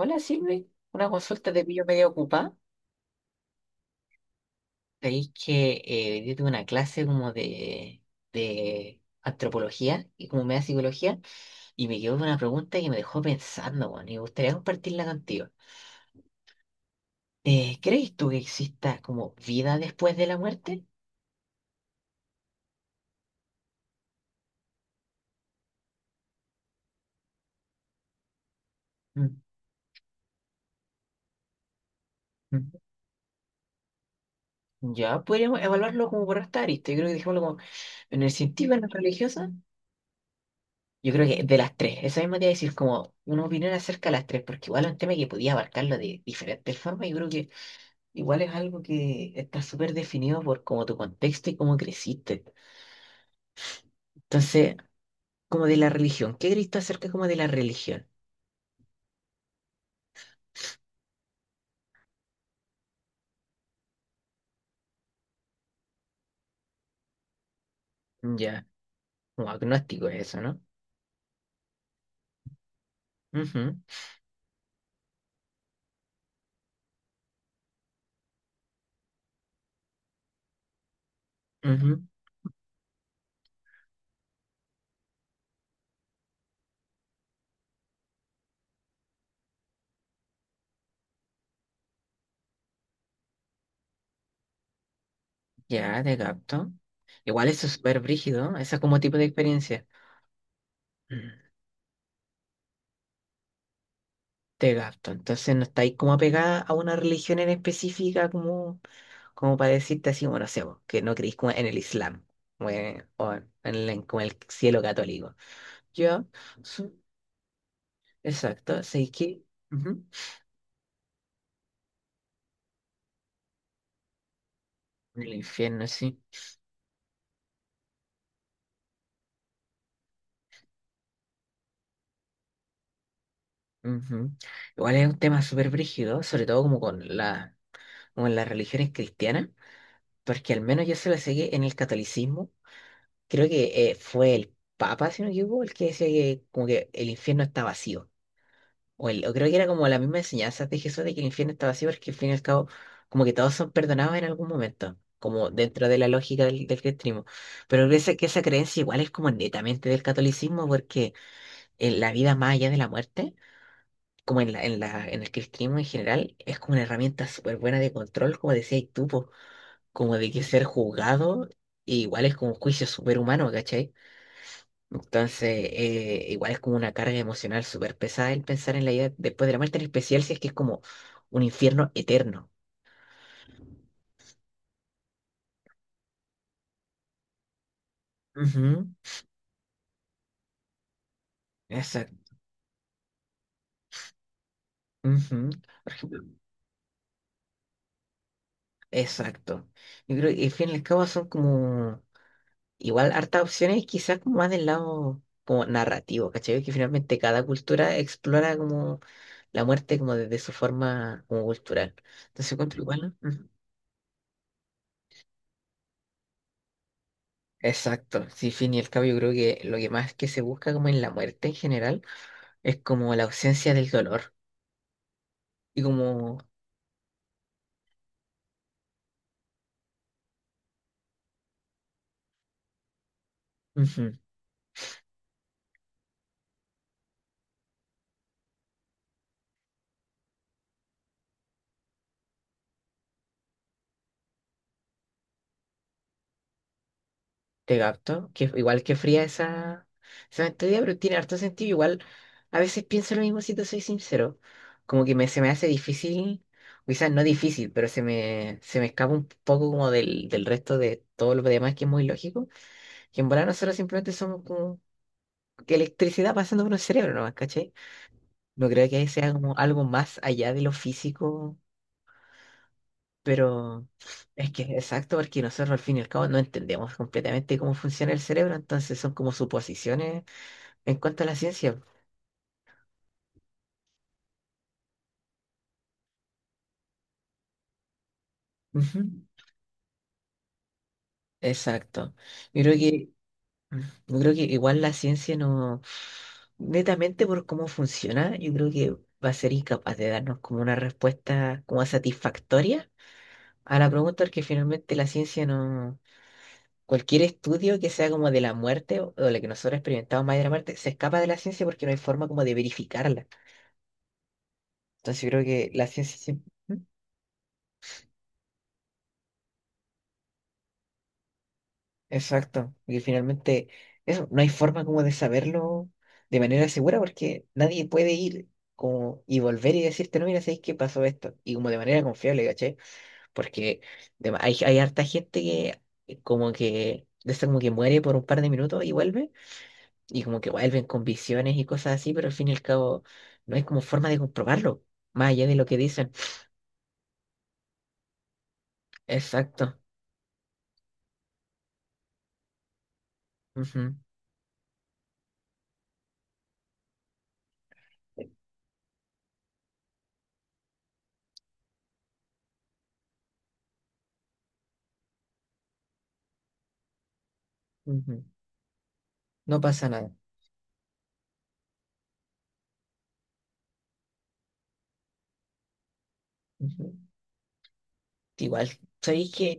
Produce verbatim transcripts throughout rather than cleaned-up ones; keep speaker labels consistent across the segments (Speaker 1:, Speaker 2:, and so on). Speaker 1: Hola Silvi, una consulta de pillo medio ocupada. Veis que eh, hoy día tuve una clase como de, de antropología y como media psicología y me quedó una pregunta que me dejó pensando, bueno, y me gustaría compartirla contigo. Eh, ¿crees tú que exista como vida después de la muerte? Mm, mm. Ya podríamos evaluarlo como por esta arista. Yo creo que dejémoslo como en el científico, en la religiosa. Yo creo que de las tres, esa misma te iba a decir como una opinión acerca de las tres, porque igual es un tema que podía abarcarlo de diferentes formas. Yo creo que igual es algo que está súper definido por como tu contexto y cómo creciste. Entonces, como de la religión, ¿qué creíste acerca como de la religión? Ya, como agnóstico es eso, ¿no? Ujú, ujú. Ya, te capto. Igual eso es súper brígido, ese como tipo de experiencia. Mm, Te capto. Entonces no estáis como apegada a una religión en específica como, como para decirte así, bueno, no sé, vos, que no creís como en el Islam o en, o en el, como el cielo católico. Yo, Exacto, sí que ujú, en el infierno, sí. Ujú. Igual es un tema súper brígido, sobre todo como con la, como en las religiones cristianas, porque al menos yo se la sé que en el catolicismo, creo que eh, fue el Papa, si no me equivoco, el que decía que como que el infierno está vacío. O, el, o creo que era como la misma enseñanza de Jesús de que el infierno está vacío, porque al fin y al cabo, como que todos son perdonados en algún momento, como dentro de la lógica del, del cristianismo. Pero parece que esa creencia igual es como netamente del catolicismo, porque en la vida más allá de la muerte, como en la, en la, en el cristianismo en general, es como una herramienta súper buena de control, como decías tú, po, como de que ser juzgado, igual es como un juicio súper humano, ¿cachai? Entonces, eh, igual es como una carga emocional súper pesada el pensar en la vida después de la muerte, en especial si es que es como un infierno eterno. Ujú, exacto. Ujú, por ejemplo, exacto. Yo creo que al fin y al cabo son como igual, hartas opciones quizás como más del lado como narrativo, ¿cachai? Que finalmente cada cultura explora como la muerte como desde su forma como cultural. Entonces encuentro igual, ¿no? Ujú. Exacto, sí, fin y al cabo yo creo que lo que más que se busca como en la muerte en general es como la ausencia del dolor y como ujú, te capto, que igual que fría esa, esa mentalidad, pero tiene harto sentido. Igual a veces pienso lo mismo si te soy sincero. Como que me, se me hace difícil, o quizás no difícil, pero se me, se me escapa un poco como del, del resto de todo lo demás que es muy lógico. Que en verdad nosotros simplemente somos como que electricidad pasando por un cerebro nomás, ¿cachai? No creo que sea como algo más allá de lo físico, pero es que es exacto, porque nosotros al fin y al cabo no entendemos completamente cómo funciona el cerebro, entonces son como suposiciones en cuanto a la ciencia, ujú, exacto. Yo creo que, yo creo que igual la ciencia no, netamente por cómo funciona, yo creo que va a ser incapaz de darnos como una respuesta como satisfactoria a la pregunta, porque finalmente la ciencia no, cualquier estudio que sea como de la muerte o, o la que nosotros experimentamos más de la muerte, se escapa de la ciencia porque no hay forma como de verificarla. Entonces yo creo que la ciencia siempre... Exacto. Y finalmente, eso, no hay forma como de saberlo de manera segura porque nadie puede ir como y volver y decirte, no, mira, ¿sabes qué pasó esto? Y como de manera confiable, ¿caché? Porque de ma- hay, hay harta gente que eh, como que, de esa como que muere por un par de minutos y vuelve, y como que vuelven con visiones y cosas así, pero al fin y al cabo no hay como forma de comprobarlo, más allá de lo que dicen. Exacto. Ujú, ujú. No pasa nada. Ujú. Igual, ¿sabéis qué?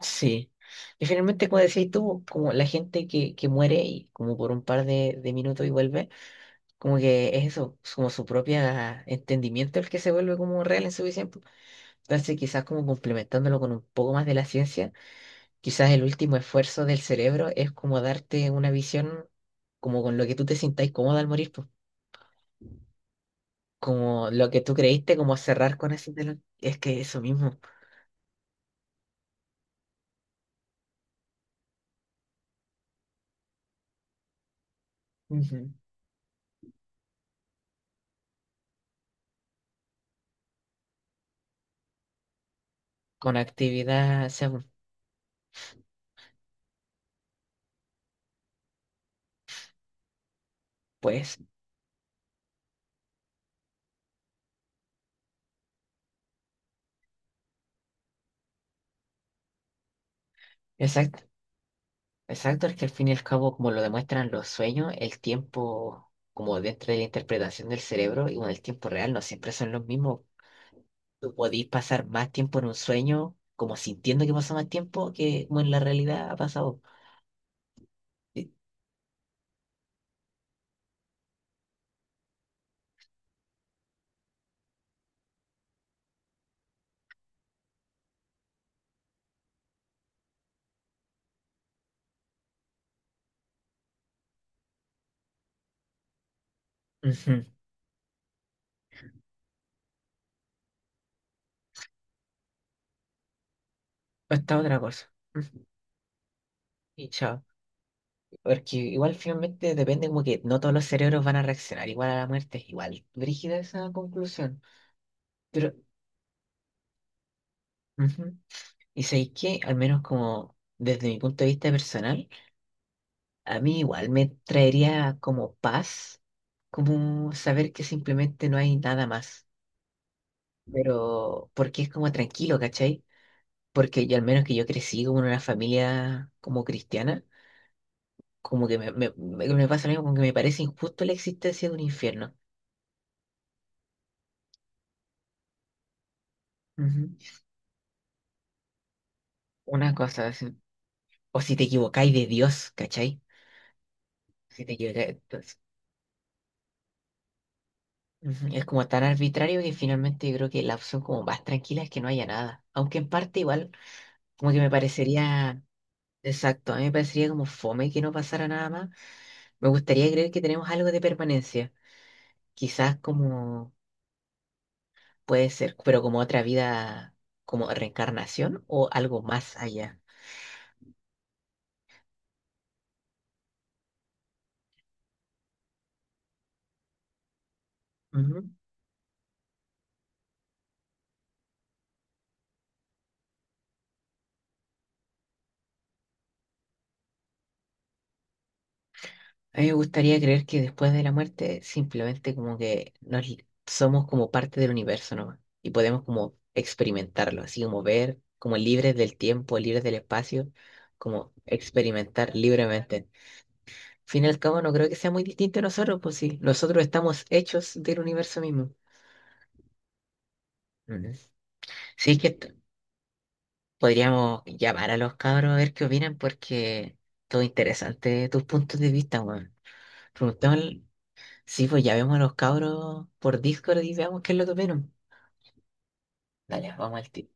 Speaker 1: Sí. Y finalmente, como decías tú, como la gente que, que muere y como por un par de, de minutos y vuelve, como que es eso, es como su propio entendimiento el que se vuelve como real en su visión. Entonces, quizás como complementándolo con un poco más de la ciencia, quizás el último esfuerzo del cerebro es como darte una visión como con lo que tú te sintáis cómodo al morir, po. Como lo que tú creíste, como cerrar con ese telón. Es que eso mismo, ujú. Con actividad, o sea, pues, exacto. Exacto, es que al fin y al cabo, como lo demuestran los sueños, el tiempo, como dentro de la interpretación del cerebro y con el tiempo real, no siempre son los mismos. Tú podís pasar más tiempo en un sueño, como sintiendo que pasó más tiempo, que como en la realidad ha pasado. Y- ujú. Esta otra cosa. Ujú. Y chao. Porque igual finalmente depende como que no todos los cerebros van a reaccionar igual a la muerte. Igual, brígida esa conclusión. Pero, ujú. Y sabéis que, al menos como desde mi punto de vista personal, a mí igual me traería como paz, como saber que simplemente no hay nada más, pero porque es como tranquilo, ¿cachai? Porque yo al menos que yo crecí como en una familia como cristiana, como que me, me, me- me pasa lo mismo, como que me parece injusto la existencia de un infierno. Ujú. Una cosa así. O si te equivocáis de Dios, ¿cachai? Si te equivocáis, entonces, ujú, es como tan arbitrario que finalmente yo creo que la opción como más tranquila es que no haya nada. Aunque en parte igual, como que me parecería exacto, a mí me parecería como fome que no pasara nada más. Me gustaría creer que tenemos algo de permanencia. Quizás como puede ser, pero como otra vida, como reencarnación o algo más allá. Ujú. A mí me gustaría creer que después de la muerte simplemente como que nos, somos como parte del universo nomás y podemos como experimentarlo, así como ver, como libres del tiempo, libres del espacio, como experimentar libremente. Fin y al cabo no creo que sea muy distinto a nosotros, pues sí, nosotros estamos hechos del universo mismo. Ujú. Sí, es que t- podríamos llamar a los cabros a ver qué opinan, porque todo interesante tus puntos de vista, weón. Preguntamos, sí, pues ya vemos a los cabros por Discord y veamos qué es lo que opinan. Dale, vamos al tiro.